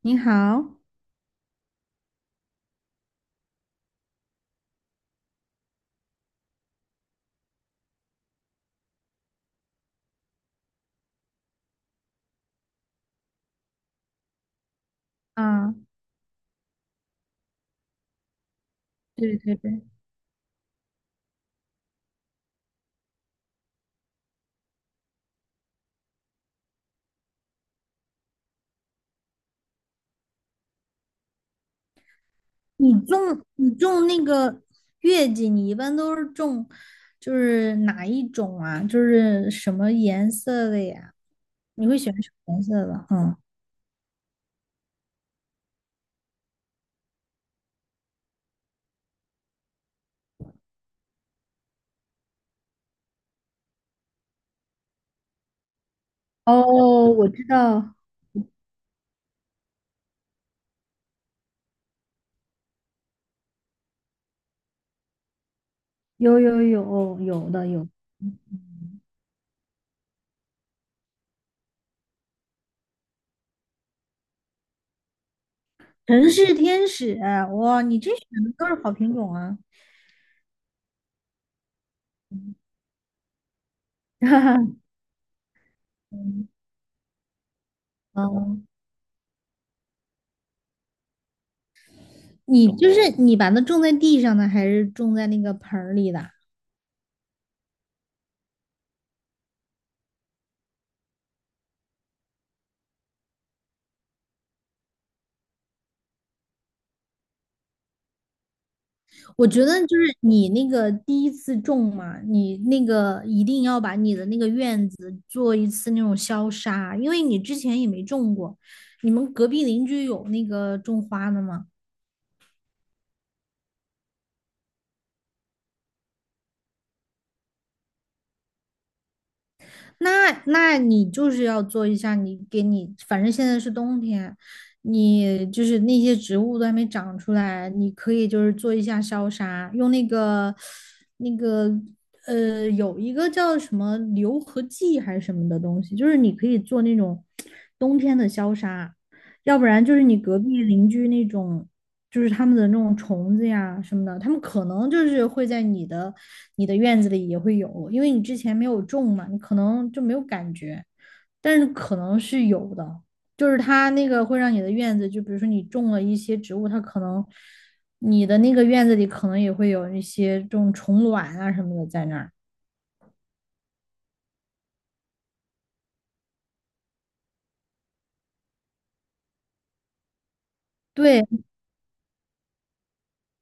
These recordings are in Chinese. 你好，啊，对对对，你种那个月季，你一般都是种就是哪一种啊？就是什么颜色的呀？你会喜欢什么颜色的？嗯，哦，我知道，有有有有的有，城市天使，哇，你这选的都是好品种啊！哈哈，嗯，你就是你把它种在地上的，还是种在那个盆儿里的？我觉得就是你那个第一次种嘛，你那个一定要把你的那个院子做一次那种消杀，因为你之前也没种过。你们隔壁邻居有那个种花的吗？那你就是要做一下，你给你，反正现在是冬天，你就是那些植物都还没长出来，你可以就是做一下消杀，用那个有一个叫什么硫合剂还是什么的东西，就是你可以做那种冬天的消杀。要不然就是你隔壁邻居那种，就是他们的那种虫子呀什么的，他们可能就是会在你的院子里也会有，因为你之前没有种嘛，你可能就没有感觉，但是可能是有的，就是它那个会让你的院子，就比如说你种了一些植物，它可能你的那个院子里可能也会有一些这种虫卵啊什么的在那儿。对，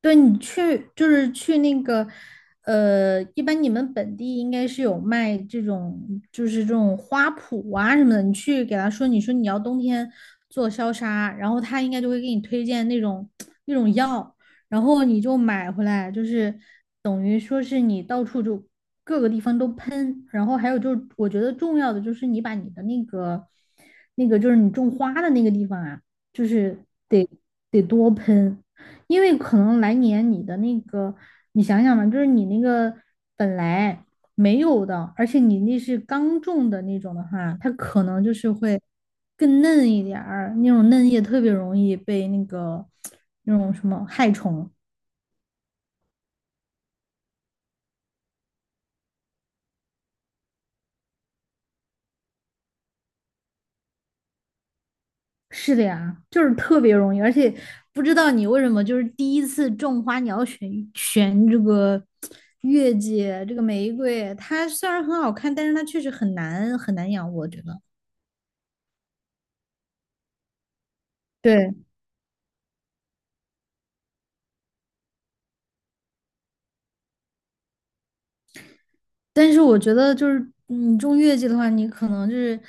对你去就是去那个，一般你们本地应该是有卖这种，就是这种花圃啊什么的。你去给他说，你说你要冬天做消杀，然后他应该就会给你推荐那种 那种药，然后你就买回来，就是等于说是你到处就各个地方都喷。然后还有就是，我觉得重要的就是你把你的那个就是你种花的那个地方啊，就是得多喷。因为可能来年你的那个，你想想吧，就是你那个本来没有的，而且你那是刚种的那种的话，它可能就是会更嫩一点儿，那种嫩叶特别容易被那个那种什么害虫。是的呀，就是特别容易，而且不知道你为什么就是第一次种花，你要选这个月季，这个玫瑰，它虽然很好看，但是它确实很难很难养，我觉得。对但是我觉得就是你种月季的话，你可能就是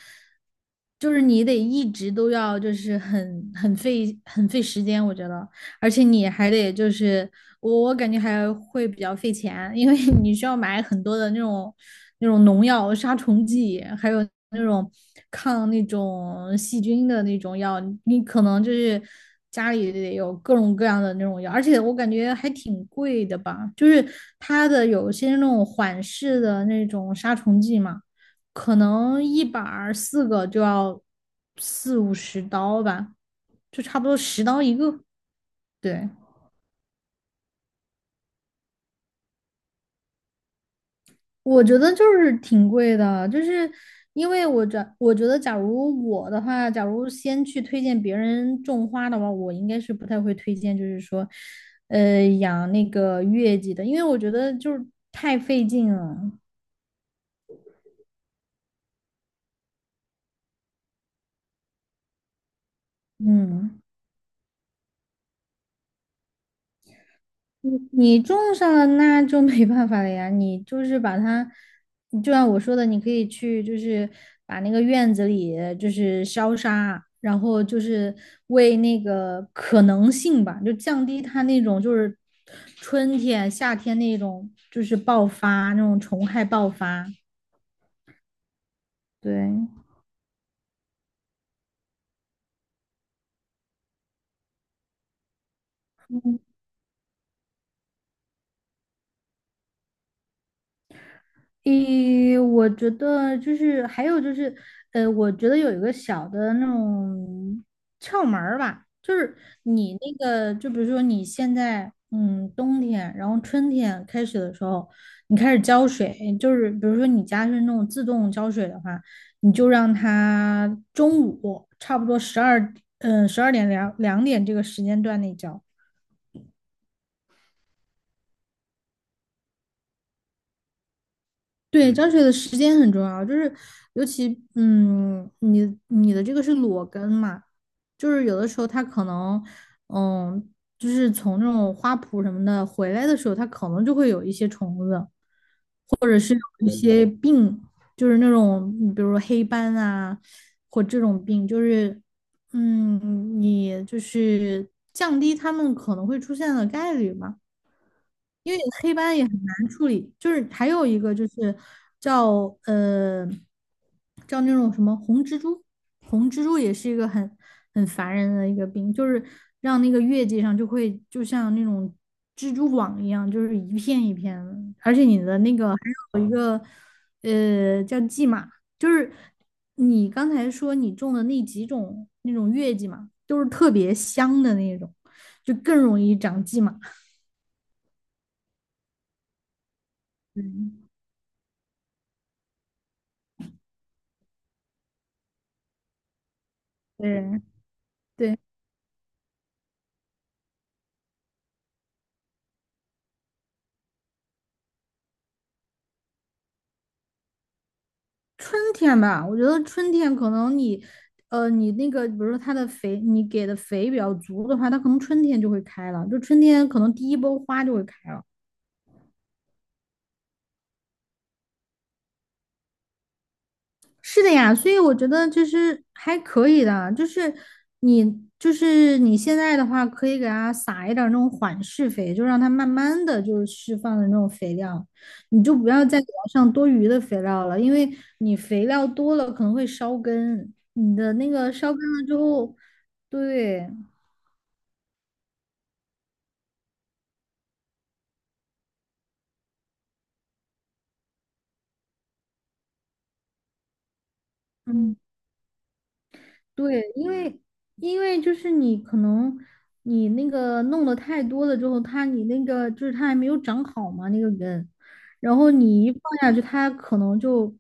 就是你得一直都要就是很费很费时间，我觉得。而且你还得就是我感觉还会比较费钱，因为你需要买很多的那种农药、杀虫剂，还有那种抗那种细菌的那种药，你可能就是家里得有各种各样的那种药，而且我感觉还挺贵的吧，就是它的有些那种缓释的那种杀虫剂嘛，可能一板儿四个就要四五十刀吧，就差不多十刀一个，对。我觉得就是挺贵的，就是因为我觉得，假如我的话，假如先去推荐别人种花的话，我应该是不太会推荐，就是说，养那个月季的，因为我觉得就是太费劲了。嗯。你种上了，那就没办法了呀。你就是把它，你就像我说的，你可以去，就是把那个院子里就是消杀，然后就是为那个可能性吧，就降低它那种就是春天、夏天那种就是爆发那种虫害爆发。对，诶，我觉得就是还有就是，我觉得有一个小的那种窍门儿吧，就是你那个，就比如说你现在，冬天，然后春天开始的时候，你开始浇水，就是比如说你家是那种自动浇水的话，你就让它中午差不多12点两点这个时间段内浇。对，浇水的时间很重要，就是尤其你你的这个是裸根嘛，就是有的时候它可能嗯，就是从这种花圃什么的回来的时候，它可能就会有一些虫子，一些病，就是那种比如说黑斑啊，或这种病，就是你就是降低它们可能会出现的概率嘛。因为黑斑也很难处理，就是还有一个就是叫呃叫那种什么红蜘蛛，红蜘蛛也是一个很烦人的一个病，就是让那个月季上就会就像那种蜘蛛网一样，就是一片一片的，而且你的那个还有一个叫蓟马，就是你刚才说你种的那几种那种月季嘛，都是特别香的那种，就更容易长蓟马。嗯，对。对，春天吧，我觉得春天可能你那个，比如说它的肥，你给的肥比较足的话，它可能春天就会开了，就春天可能第一波花就会开了。是的呀，所以我觉得就是还可以的，就是你现在的话，可以给它撒一点儿那种缓释肥，就让它慢慢的就是释放的那种肥料，你就不要再给它上多余的肥料了，因为你肥料多了可能会烧根，你的那个烧根了之后，对，嗯。对，因为就是你可能你那个弄的太多了之后，它你那个就是它还没有长好嘛那个根，然后你一放下去，它可能就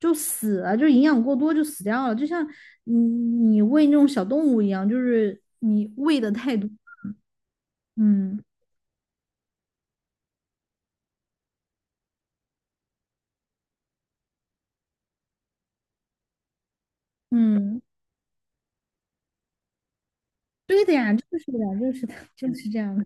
就死了，就营养过多就死掉了，就像你喂那种小动物一样，就是你喂的太多，嗯嗯，对的呀，就是的呀，就是的，就是这样的。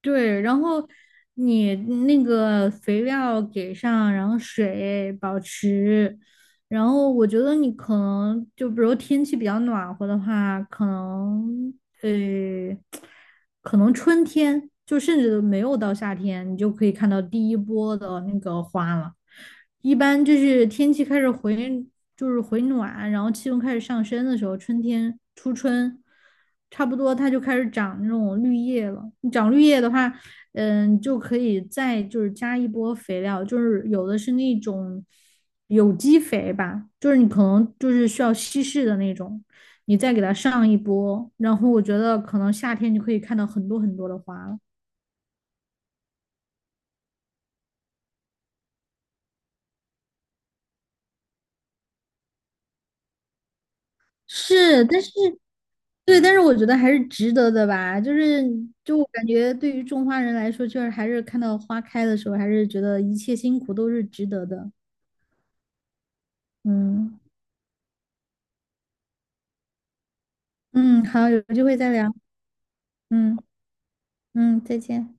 对，然后你那个肥料给上，然后水保持，然后我觉得你可能就比如天气比较暖和的话，呃，可能春天就甚至都没有到夏天，你就可以看到第一波的那个花了。一般就是天气开始就是回暖，然后气温开始上升的时候，春天初春，差不多它就开始长那种绿叶了。长绿叶的话，就可以再就是加一波肥料，就是有的是那种有机肥吧，就是你可能就是需要稀释的那种，你再给它上一波，然后我觉得可能夏天就可以看到很多很多的花了。是，但是对，但是我觉得还是值得的吧。就是，就我感觉对于种花人来说，就是还是看到花开的时候，还是觉得一切辛苦都是值得的。嗯嗯，好，有机会再聊。嗯嗯，再见。